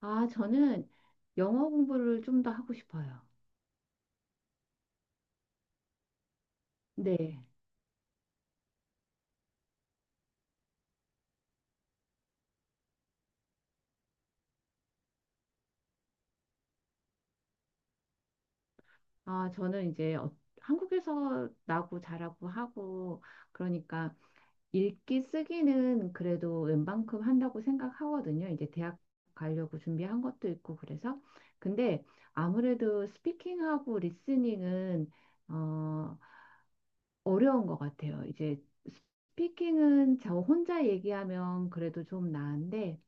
아, 저는 영어 공부를 좀 더 하고 싶어요. 네. 아, 저는 이제 한국에서 나고 자라고 하고, 그러니까 읽기 쓰기는 그래도 웬만큼 한다고 생각하거든요. 이제 대학 가려고 준비한 것도 있고, 그래서. 근데 아무래도 스피킹하고 리스닝은, 어, 어려운 것 같아요. 이제 스피킹은 저 혼자 얘기하면 그래도 좀 나은데,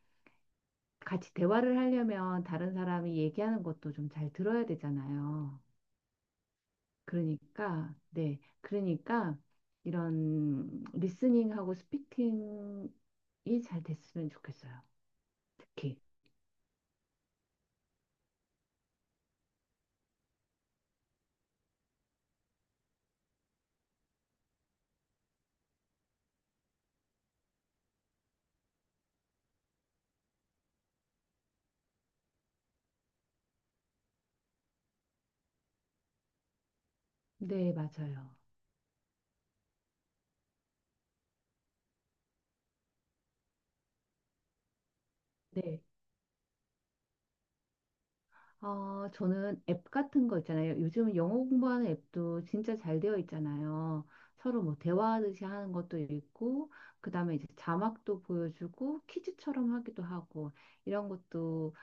같이 대화를 하려면 다른 사람이 얘기하는 것도 좀 잘 들어야 되잖아요. 그러니까, 네. 그러니까 이런 리스닝하고 스피킹이 잘 됐으면 좋겠어요. 특히. 네, 맞아요. 네. 저는 앱 같은 거 있잖아요. 요즘은 영어 공부하는 앱도 진짜 잘 되어 있잖아요. 서로 뭐 대화하듯이 하는 것도 있고, 그 다음에 이제 자막도 보여주고, 퀴즈처럼 하기도 하고, 이런 것도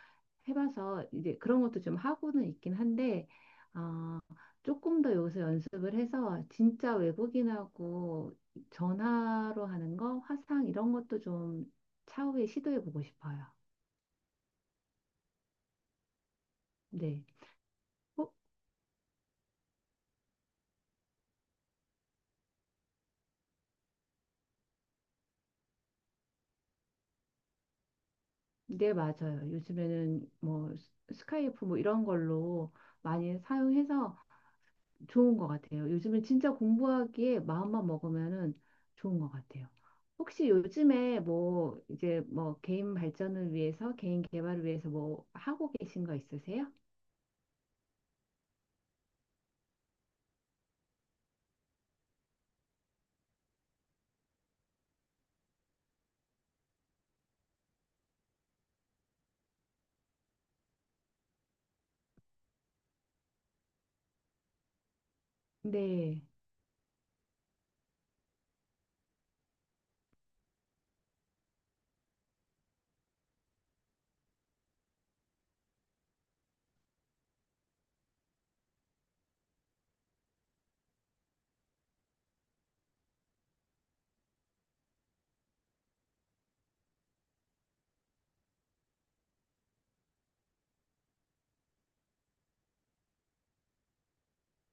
해봐서 이제 그런 것도 좀 하고는 있긴 한데, 어, 조금 더 여기서 연습을 해서 진짜 외국인하고 전화로 하는 거, 화상 이런 것도 좀 차후에 시도해 보고 싶어요. 네. 어? 네, 맞아요. 요즘에는 뭐 스카이프 뭐 이런 걸로 많이 사용해서 좋은 것 같아요. 요즘은 진짜 공부하기에 마음만 먹으면은 좋은 것 같아요. 혹시 요즘에 뭐 이제 뭐 개인 발전을 위해서 개인 개발을 위해서 뭐 하고 계신 거 있으세요? 네,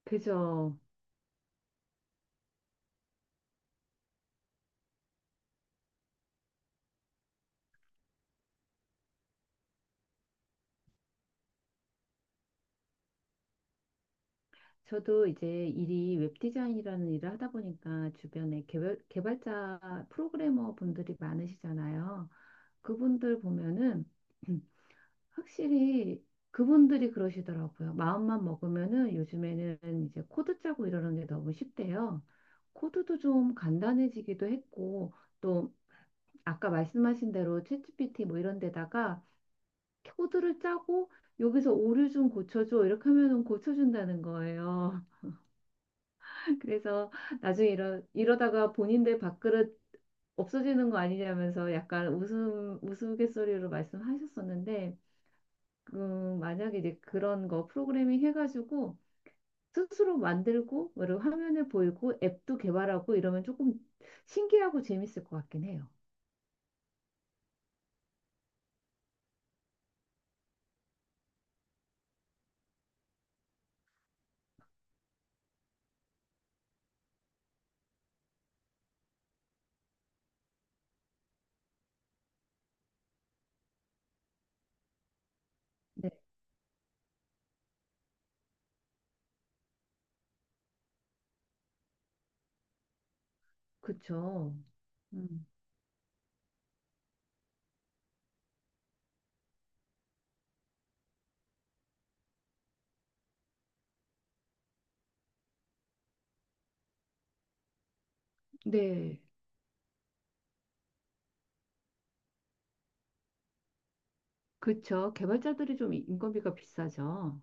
그죠. 저도 이제 일이 웹디자인이라는 일을 하다 보니까 주변에 개발자 프로그래머 분들이 많으시잖아요. 그분들 보면은 확실히 그분들이 그러시더라고요. 마음만 먹으면은 요즘에는 이제 코드 짜고 이러는 게 너무 쉽대요. 코드도 좀 간단해지기도 했고 또 아까 말씀하신 대로 챗GPT 뭐 이런 데다가 코드를 짜고 여기서 오류 좀 고쳐줘 이렇게 하면은 고쳐준다는 거예요. 그래서 나중에 이러다가 본인들 밥그릇 없어지는 거 아니냐면서 약간 웃음 우스갯소리로 말씀하셨었는데 만약에 이제 그런 거 프로그래밍 해가지고 스스로 만들고 그리고 화면을 보이고 앱도 개발하고 이러면 조금 신기하고 재밌을 것 같긴 해요. 네, 그쵸. 음, 네, 그쵸. 개발자들이 좀 인건비가 비싸죠.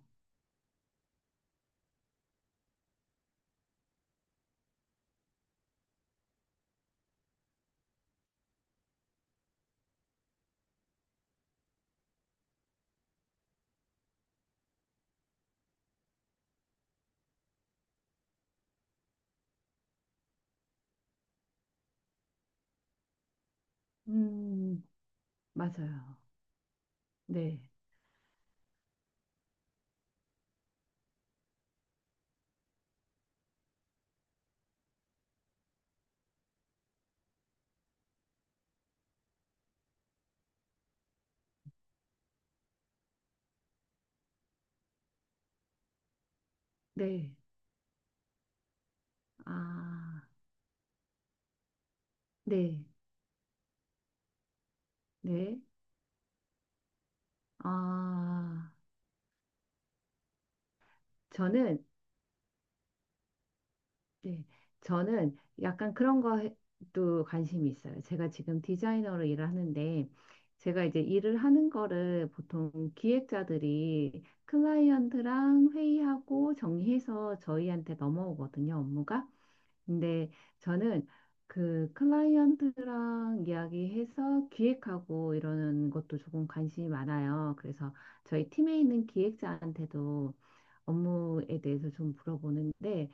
음, 맞아요. 네, 네, 아, 네, 네, 아, 저는 네, 저는 약간 그런 것도 관심이 있어요. 제가 지금 디자이너로 일을 하는데, 제가 이제 일을 하는 거를 보통 기획자들이 클라이언트랑 회의하고 정리해서 저희한테 넘어오거든요, 업무가. 근데 저는 그 클라이언트랑 이야기해서 기획하고 이러는 것도 조금 관심이 많아요. 그래서 저희 팀에 있는 기획자한테도 업무에 대해서 좀 물어보는데,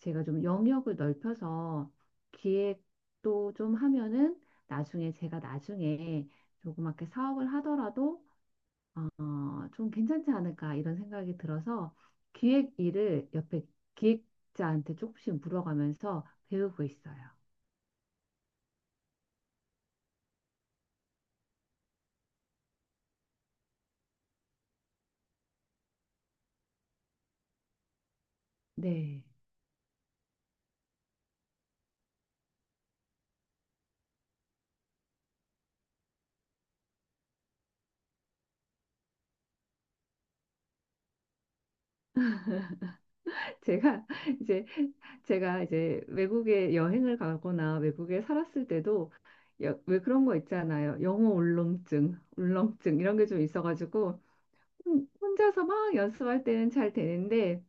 제가 좀 영역을 넓혀서 기획도 좀 하면은 나중에 조그맣게 사업을 하더라도 어, 좀 괜찮지 않을까 이런 생각이 들어서 기획 일을 옆에 기획자한테 조금씩 물어가면서 배우고 있어요. 네. 제가 이제 제가 이제 외국에 여행을 가거나 외국에 살았을 때도 왜 그런 거 있잖아요. 영어 울렁증 이런 게 좀 있어가지고 혼자서 막 연습할 때는 잘 되는데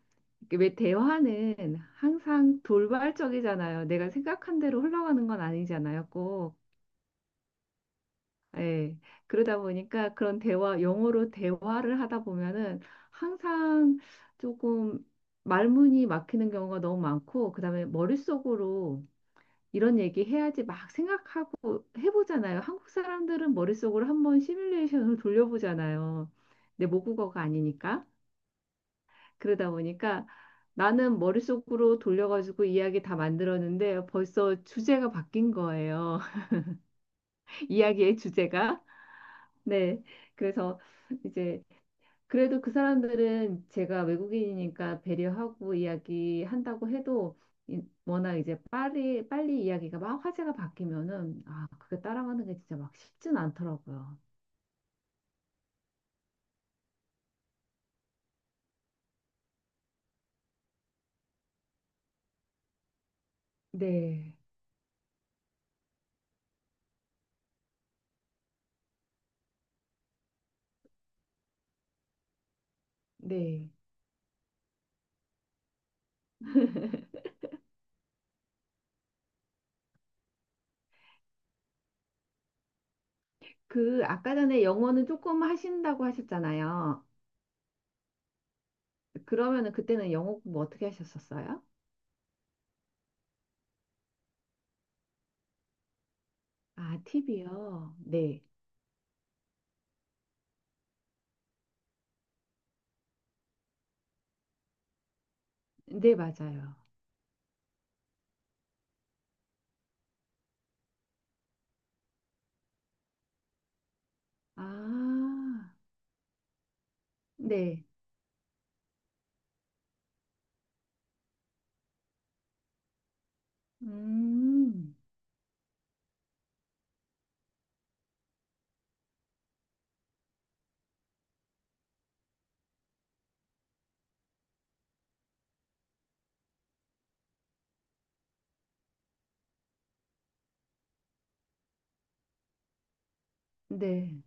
이게 왜 대화는 항상 돌발적이잖아요. 내가 생각한 대로 흘러가는 건 아니잖아요, 꼭. 예. 그러다 보니까 그런 대화, 영어로 대화를 하다 보면은 항상 조금 말문이 막히는 경우가 너무 많고, 그다음에 머릿속으로 이런 얘기 해야지 막 생각하고 해보잖아요. 한국 사람들은 머릿속으로 한번 시뮬레이션을 돌려보잖아요. 내 모국어가 아니니까. 그러다 보니까 나는 머릿속으로 돌려가지고 이야기 다 만들었는데 벌써 주제가 바뀐 거예요. 이야기의 주제가. 네. 그래서 이제 그래도 그 사람들은 제가 외국인이니까 배려하고 이야기한다고 해도 워낙 이제 빨리 빨리 이야기가 막 화제가 바뀌면은 아, 그게 따라가는 게 진짜 막 쉽진 않더라고요. 네. 네. 그 아까 전에 영어는 조금 하신다고 하셨잖아요. 그러면은 그때는 영어 공부 어떻게 하셨었어요? 아, 팁이요. 네. 네, 맞아요. 아, 네. 음, 네.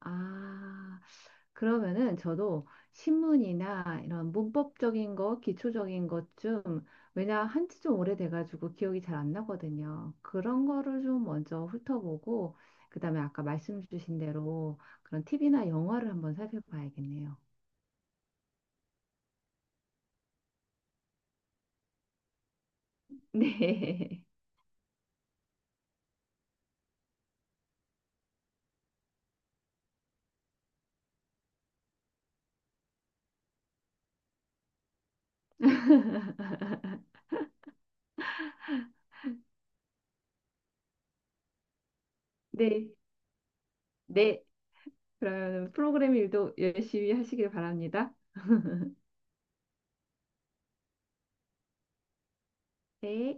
아, 그러면은 저도 신문이나 이런 문법적인 거, 기초적인 것 좀, 왜냐 한지 좀 오래돼가지고 기억이 잘 안 나거든요. 그런 거를 좀 먼저 훑어보고, 그다음에 아까 말씀 주신 대로 그런 팁이나 영화를 한번 살펴봐야겠네요. 네. 네, 네. 그러면 프로그램 일도 열심히 하시길 바랍니다. 네.